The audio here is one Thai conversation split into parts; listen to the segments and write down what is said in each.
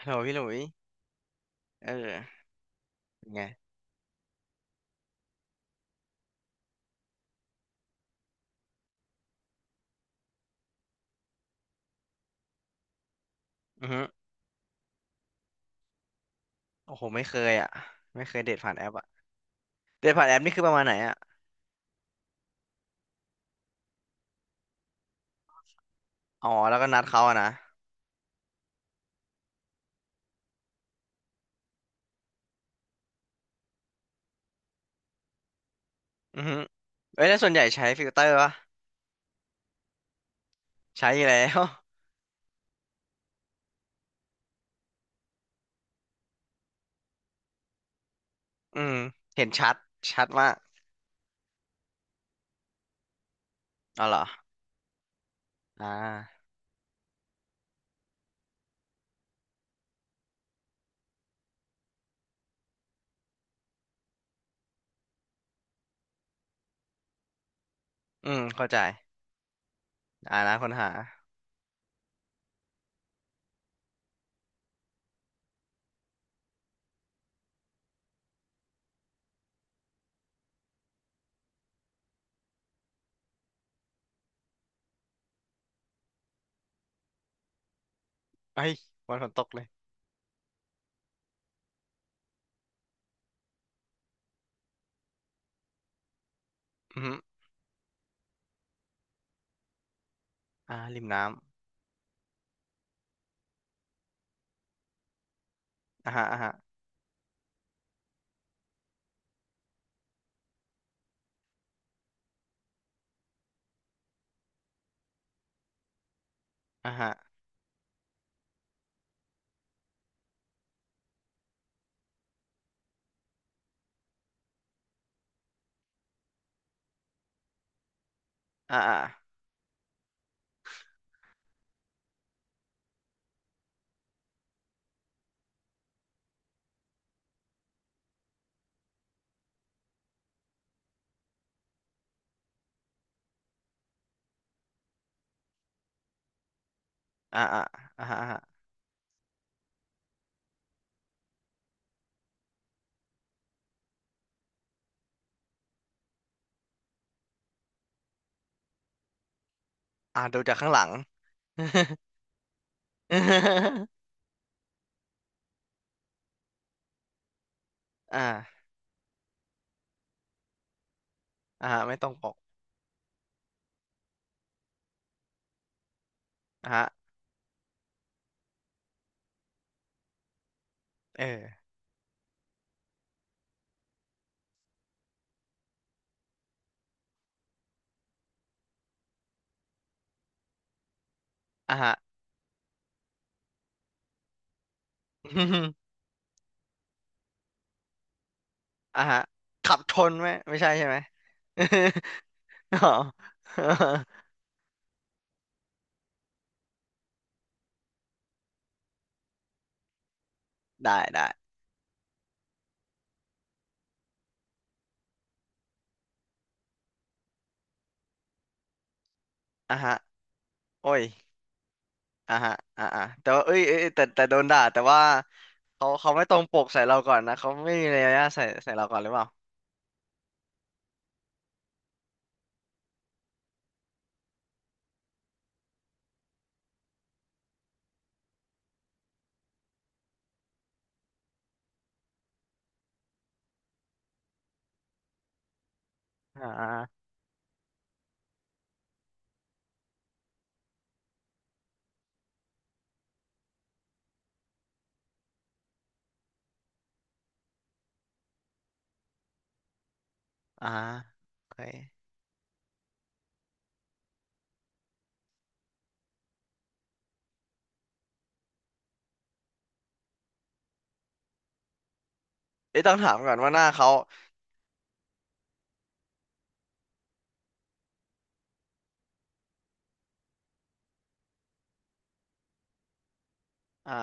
ฮัลโหลพี่หลุยเออเป็นไงอือฮึโอ้โหไม่เคยอ่ะไม่เคยเดทผ่านแอปอ่ะเดทผ่านแอปนี่คือประมาณไหนอ่ะอ๋อแล้วก็นัดเขาอ่ะนะอือฮึเอ้ยแล้วส่วนใหญ่ใช้ฟิลเตอร์ปะใช้อยู่แล้ว อืมเห็นชัดชัดมากอ๋อเหรออ่าอืมเข้าใจอ่านะคนหาเอ้ยวันฝนตกเลยอือฮึอ่าริมน้ำอ่าฮะอ่าฮะอ่าฮะอ่าอ่าอ่าอ่าอ่าฮะอ่าฮะอ่าดูจากข้างหลัง อ่าอ่าฮะไม่ต้องปกอ่าฮะเอออ่ะฮะ อ่ะฮะขับชนไหมไม่ใช่ใช่ไหม อ๋อ ได้อ่ะฮะโอ้ยอ่ะฮะอ่ะแต่ว่าเอ้ยแต่โดนด่าแต่ว่าเขาไม่ตรงปกใส่เราก่อนนะเขาไม่มีมารยาทใส่เราก่อนหรือเปล่าอ่าอ่าโอเคเอ้ยต้องถามก่อนว่าหน้าเขาอ่า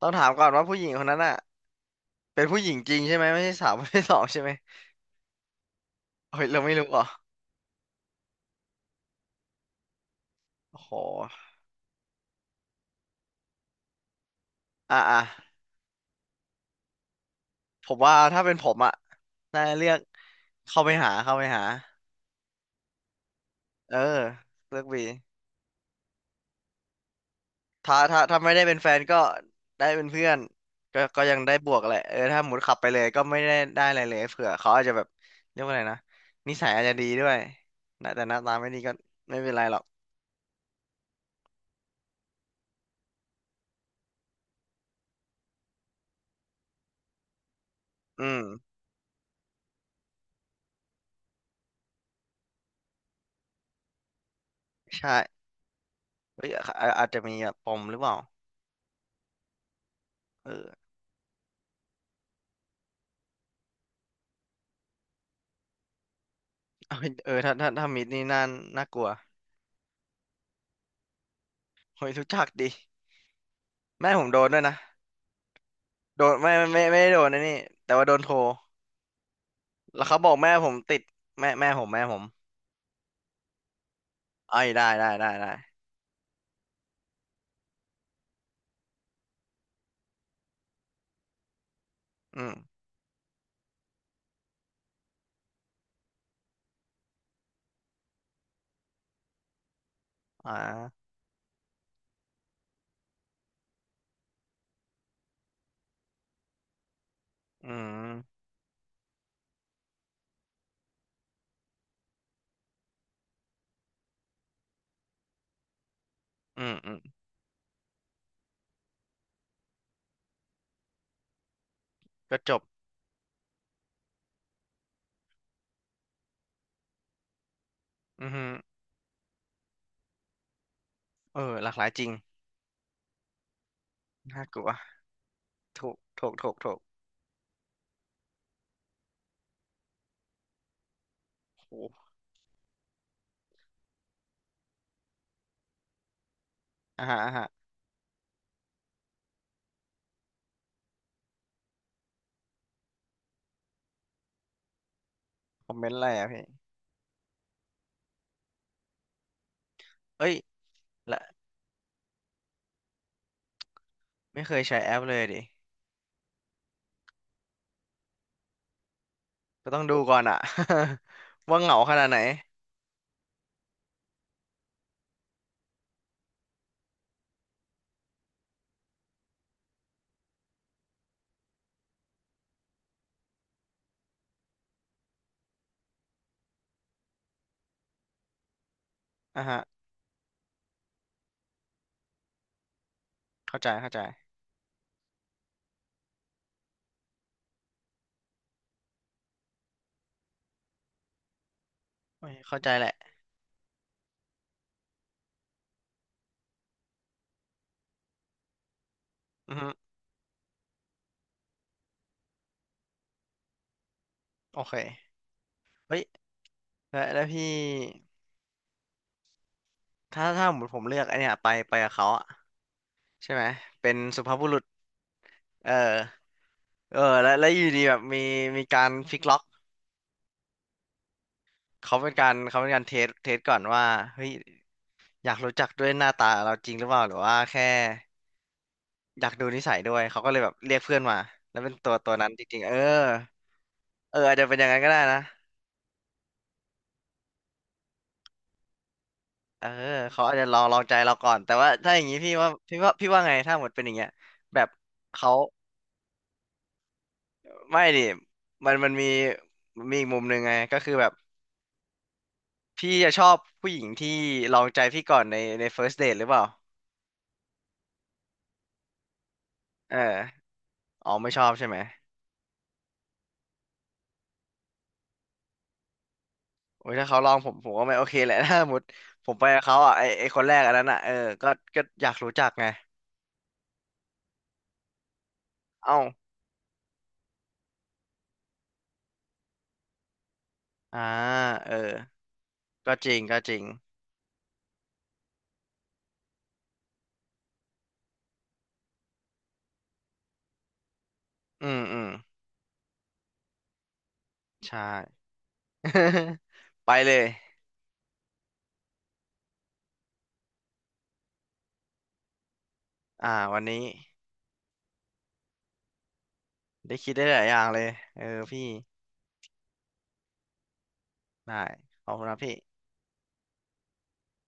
ต้องถามก่อนว่าผู้หญิงคนนั้นอ่ะเป็นผู้หญิงจริงใช่ไหมไม่ใช่สาวไม่ใช่สองใช่ไหมโอ้ยเราไม่รู้เหรอ่ะโอ้โหอ่าผมว่าถ้าเป็นผมอ่ะน่าจะเลือกเข้าไปหา เออเลือกบีถ้าไม่ได้เป็นแฟนก็ได้เป็นเพื่อนก็ยังได้บวกแหละเออถ้าหมุดขับไปเลยก็ไม่ได้อะไรเลยเผื่อเขาอาจจะแบบเรียกว่าอะไรนะนิสัยอาจจะดีด้วยนะแต่หน้าตาไม่ดีก็ไม่เป็นไรหรอกอืมใช่เฮ้ยอาอาอาจจะมีแบบปมหรือเปล่าเออเอ้ยเออถ้ามิดนี่น่าน่ากลัวเฮ้ยรู้จักดิแม่ผมโดนด้วยนะโดนไม่ได้โดนนะนี่แต่ว่าโดนโทรแล้วเขาบอกแม่ผมติดแม่แม่ผมเอ้ยได้อืม อ่าอืม อืม อืมก็จบอือฮึเออหลากหลายจริงน่ากลัว ถูกโอ้โหอ่าฮะอ่าฮะคอมเมนต์อะไรอ่ะพี่เอ้ยละไม่เคยใช้แอปเลยดิก็ต้องดูก่อนอ่ะ ว่าเหงาขนาดไหนอ่าฮะเข้าใจโอ้ยเข้าใจแหละอือฮึโอเคเฮ้ยแล้วพี่ถ้าหมดผมเลือกไอเนี้ยไปกับเขาอ่ะใช่ไหมเป็นสุภาพบุรุษเออเออแล้วอยู่ดีแบบมีการฟิกล็อก เขาเป็นการเขาเป็นการเทสก่อนว่าเฮ้ยอยากรู้จักด้วยหน้าตาเราจริงหรือเปล่าหรือว่าแค่อยากดูนิสัยด้วยเขาก็เลยแบบเรียกเพื่อนมาแล้วเป็นตัวตัวนั้นจริงๆเออเอออาจจะเป็นอย่างนั้นก็ได้นะเออเขาอาจจะลองลองใจเราก่อนแต่ว่าถ้าอย่างนี้พี่ว่าไงถ้าหมดเป็นอย่างเงี้ยแบบเขาไม่ดิมันมีอีกมุมหนึ่งไงก็คือแบบพี่จะชอบผู้หญิงที่ลองใจพี่ก่อนใน first date หรือเปล่าเออไม่ชอบใช่ไหม โอ้ยถ้าเขาลองผมผมก็ไม่โอเคแหละ ถ้าสมมติผมไปกับเขาอ่ะไอไอคนแรกอันนั้นอ่ะเออก็ก็อยากรู้จักไงเอ้าอ่าเออก็จริงอืมใช่ ไปเลยอ่าวันนี้ได้คิดได้หลายอย่างเลยเออพี่ได้ขอบคุณนะพี่